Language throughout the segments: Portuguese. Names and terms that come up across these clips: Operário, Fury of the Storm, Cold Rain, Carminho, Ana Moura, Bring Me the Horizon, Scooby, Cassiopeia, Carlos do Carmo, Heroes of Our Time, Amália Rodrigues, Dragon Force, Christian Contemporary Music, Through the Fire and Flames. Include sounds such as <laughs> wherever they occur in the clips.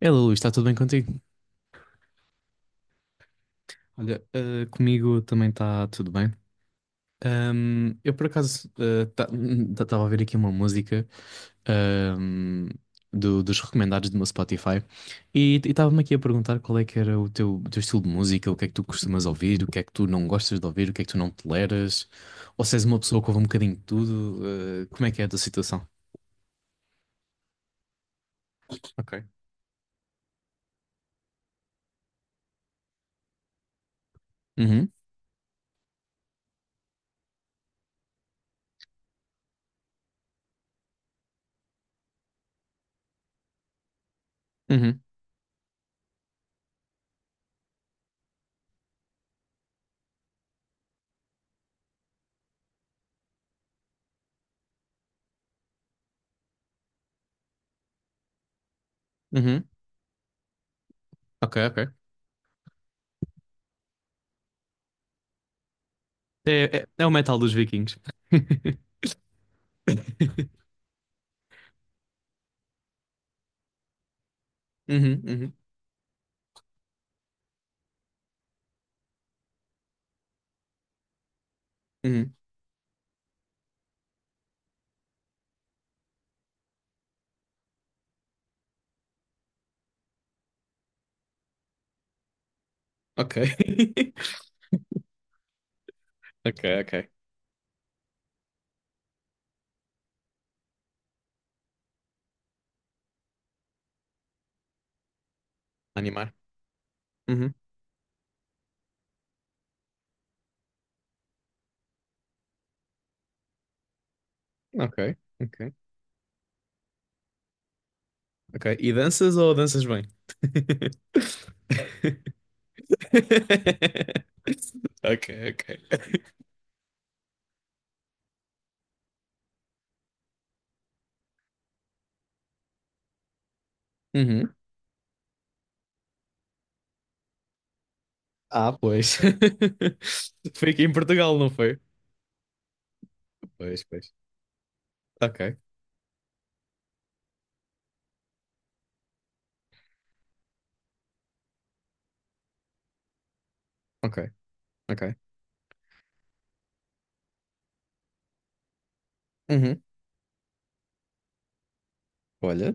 Ela, Luís, está tudo bem contigo? Olha, comigo também está tudo bem. Eu, por acaso, estava a ouvir aqui uma música, ahm, dos recomendados do meu Spotify e estava-me aqui a perguntar qual é que era o teu estilo de música, o que é que tu costumas ouvir, o que é que tu não gostas de ouvir, o que é que tu não toleras, ou se és uma pessoa que ouve um bocadinho de tudo, como é que é a tua situação? Ok. Uhum, uhum, uhum. Ok, ok. É o metal dos vikings. <laughs> Uhum, uhum. Uhum. Ok. <laughs> Ok, ok. Animar. Uhum. Ok, ok, ok. E danças ou danças bem? <laughs> Ok, ok. Uhum. Ah, pois. <laughs> Foi aqui em Portugal, não foi? Pois, pois. Ok, ok, ok. Uhum. Olha.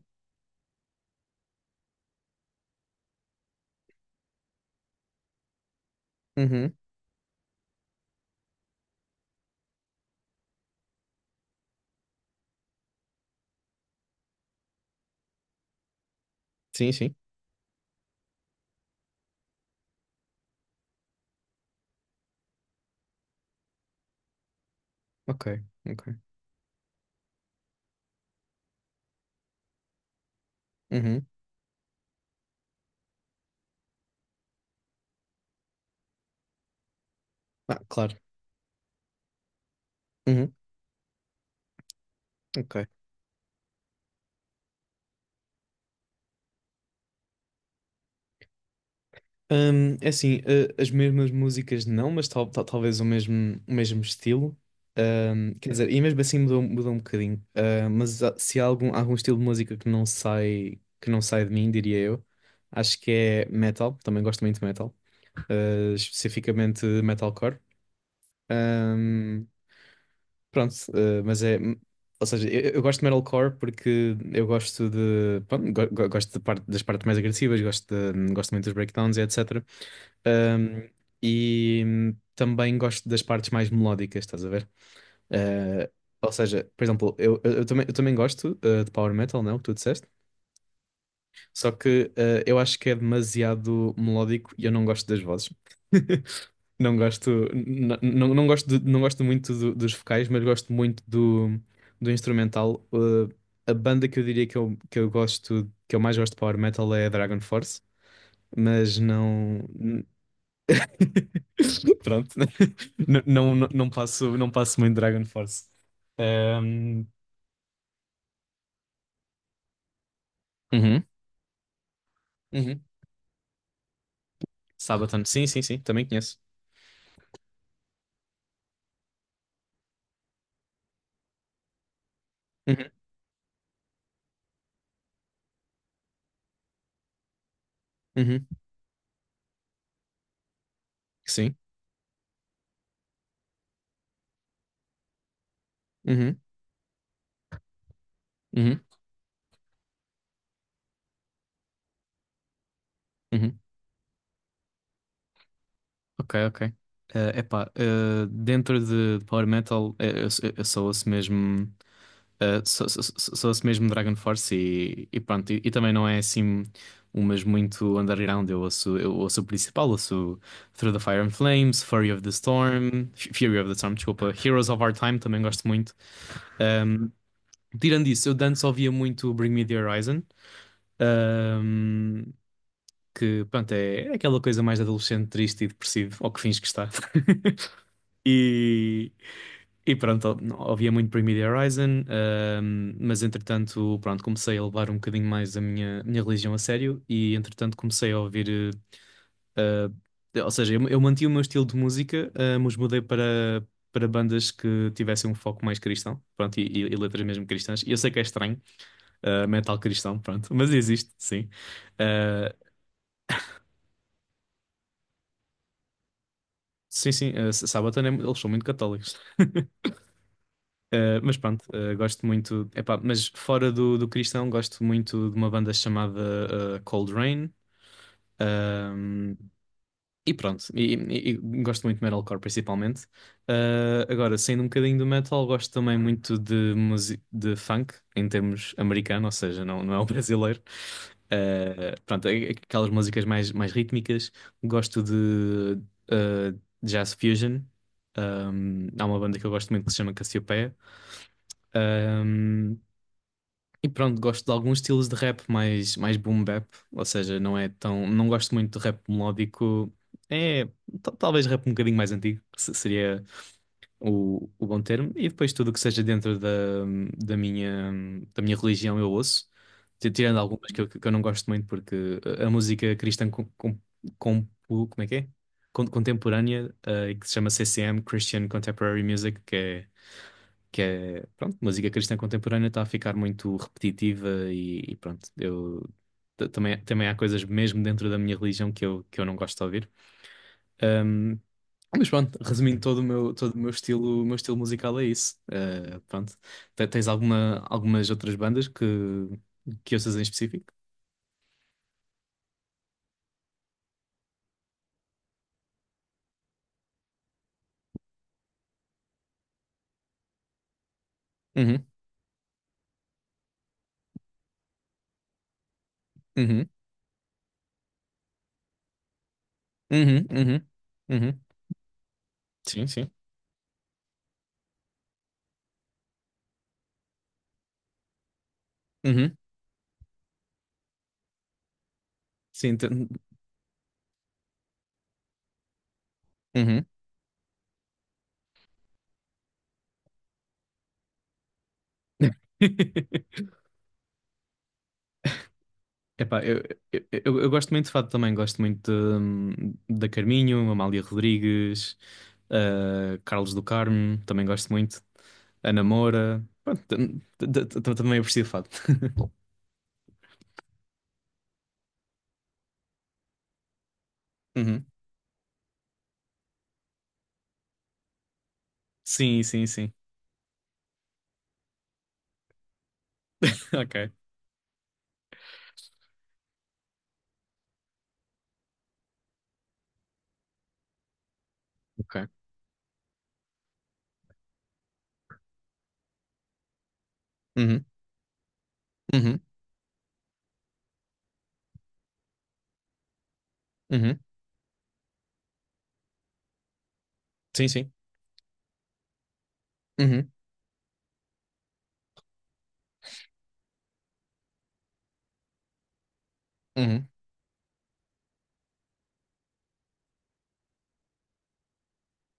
Uhum. Sim, sim. Ok, ok. Uhum. Ah, claro. Uhum. Ok. É assim, as mesmas músicas não, mas talvez o mesmo estilo. Quer dizer, e mesmo assim mudou um bocadinho. Ah, mas se há algum estilo de música que que não sai de mim, diria eu, acho que é metal. Também gosto muito de metal, especificamente metalcore. Hum. Pronto, mas é. Ou seja, eu gosto de metalcore porque eu gosto de. Pronto, gosto das partes mais agressivas, gosto, gosto muito dos breakdowns e etc. Um, e também gosto das partes mais melódicas, estás a ver? Uh, ou seja, por exemplo, eu também gosto, de power metal, não? É o que tu disseste, só que eu acho que é demasiado melódico e eu não gosto das vozes. <laughs> Não gosto, não gosto, não gosto muito dos vocais, mas gosto muito do instrumental. Eh, a banda que eu diria que que eu gosto, que eu mais gosto de power metal é a Dragon Force, mas não. <laughs> Pronto, não, não, não passo muito Dragon Force. Ehm, Uhum. Uhum. Sabaton, sim, sim, sim, também conheço. Uhum. Uhum. Sim. Uhum. Uhum, uhum. Ok, ok. Eh, epá, dentro de Power Metal, eu só ouço mesmo, só ouço mesmo Dragon Force e pronto. E também não é assim umas muito underground. Eu ouço o principal, ouço Through the Fire and Flames, Fury of the Storm, Fury of the Storm, desculpa, Heroes of Our Time também gosto muito. Ahm, tirando isso, eu de antes ouvia muito Bring Me the Horizon. Um, que pronto, é aquela coisa mais de adolescente, triste e depressivo, ou que fins que está. <laughs> E, e pronto, ouvia muito Bring Me The Horizon, mas entretanto, pronto, comecei a levar um bocadinho mais a minha religião a sério e entretanto comecei a ouvir, eh, ou seja, eu mantive o meu estilo de música, mas mudei para bandas que tivessem um foco mais cristão, pronto, e letras mesmo cristãs. E eu sei que é estranho, metal cristão, pronto, mas existe, sim. Ah, sim, sim, Sabaton, eles são muito católicos. Eh, mas pronto, gosto muito. Epá, mas fora do cristão, gosto muito de uma banda chamada, Cold Rain. E pronto, e gosto muito de metalcore, principalmente. Ah, agora, saindo um bocadinho do metal, gosto também muito de funk, em termos americano, ou seja, não, não é o <laughs> brasileiro. Ah, pronto, aquelas músicas mais, mais rítmicas. Gosto de, ah, jazz fusion. Há uma banda que eu gosto muito que se chama Cassiopeia. Ah, e pronto, gosto de alguns estilos de rap mais, mais boom bap, ou seja, não é tão, não gosto muito de rap melódico. É, talvez rap um bocadinho mais antigo, seria o bom termo. E depois tudo o que seja dentro da, da minha, da minha religião eu ouço, tirando algumas que que eu não gosto muito, porque a música cristã com, como é que é? Contemporânea, que se chama CCM, Christian Contemporary Music, que é, pronto, música cristã contemporânea está a ficar muito repetitiva e pronto, eu também há coisas mesmo dentro da minha religião que que eu não gosto de ouvir. Ahm, mas pronto, resumindo todo o meu estilo musical é isso. Ah, pronto. Tens algumas outras bandas que ouças em específico? Uhum, uhum, uhum, uhum, uhum. Sim, sim. Uhum. Sim, uhum. <laughs> Epá, eu gosto muito de fado também, gosto muito, da Carminho, Amália Rodrigues, Carlos do Carmo, também gosto muito, Ana Moura, pronto, também aprecio fado. <laughs> Uhum. Sim, sim, sim. <laughs> Ok, ok. Uhum, uhum, uhum. Sim, sim. Uhum, uhum.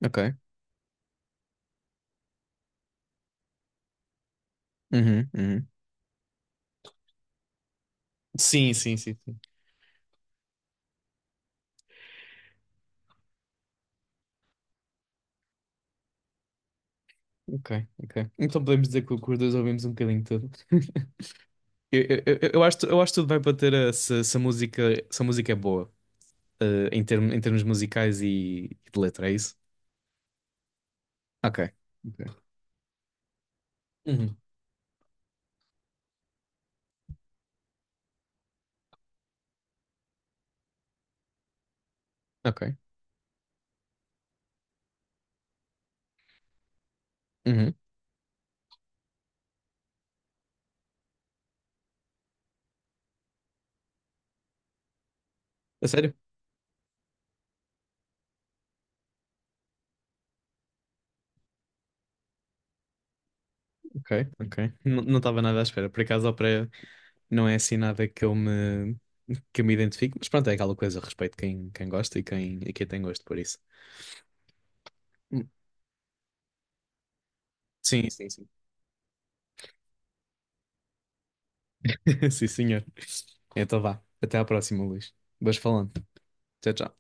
Ok. Uhum, uhum. Sim, sim, sim, sim. Ok, ok. Então podemos dizer que que os dois ouvimos um bocadinho de tudo. <laughs> Eu, eu acho que tudo vai bater a, se a música é boa. Em termos musicais e de letra, é isso? Ok. Ok. Uhum. Ok. Uhum. A sério? Ok, ok. Não estava nada à espera. Por acaso, a Operário não é assim nada que que eu me identifique, mas pronto, é aquela coisa, respeito quem gosta e e quem tem gosto por isso. Hum, sim, sim, sim. <laughs> Sim, senhor. Então vá. Até à próxima, Luís. Vais falando. Tchau, tchau.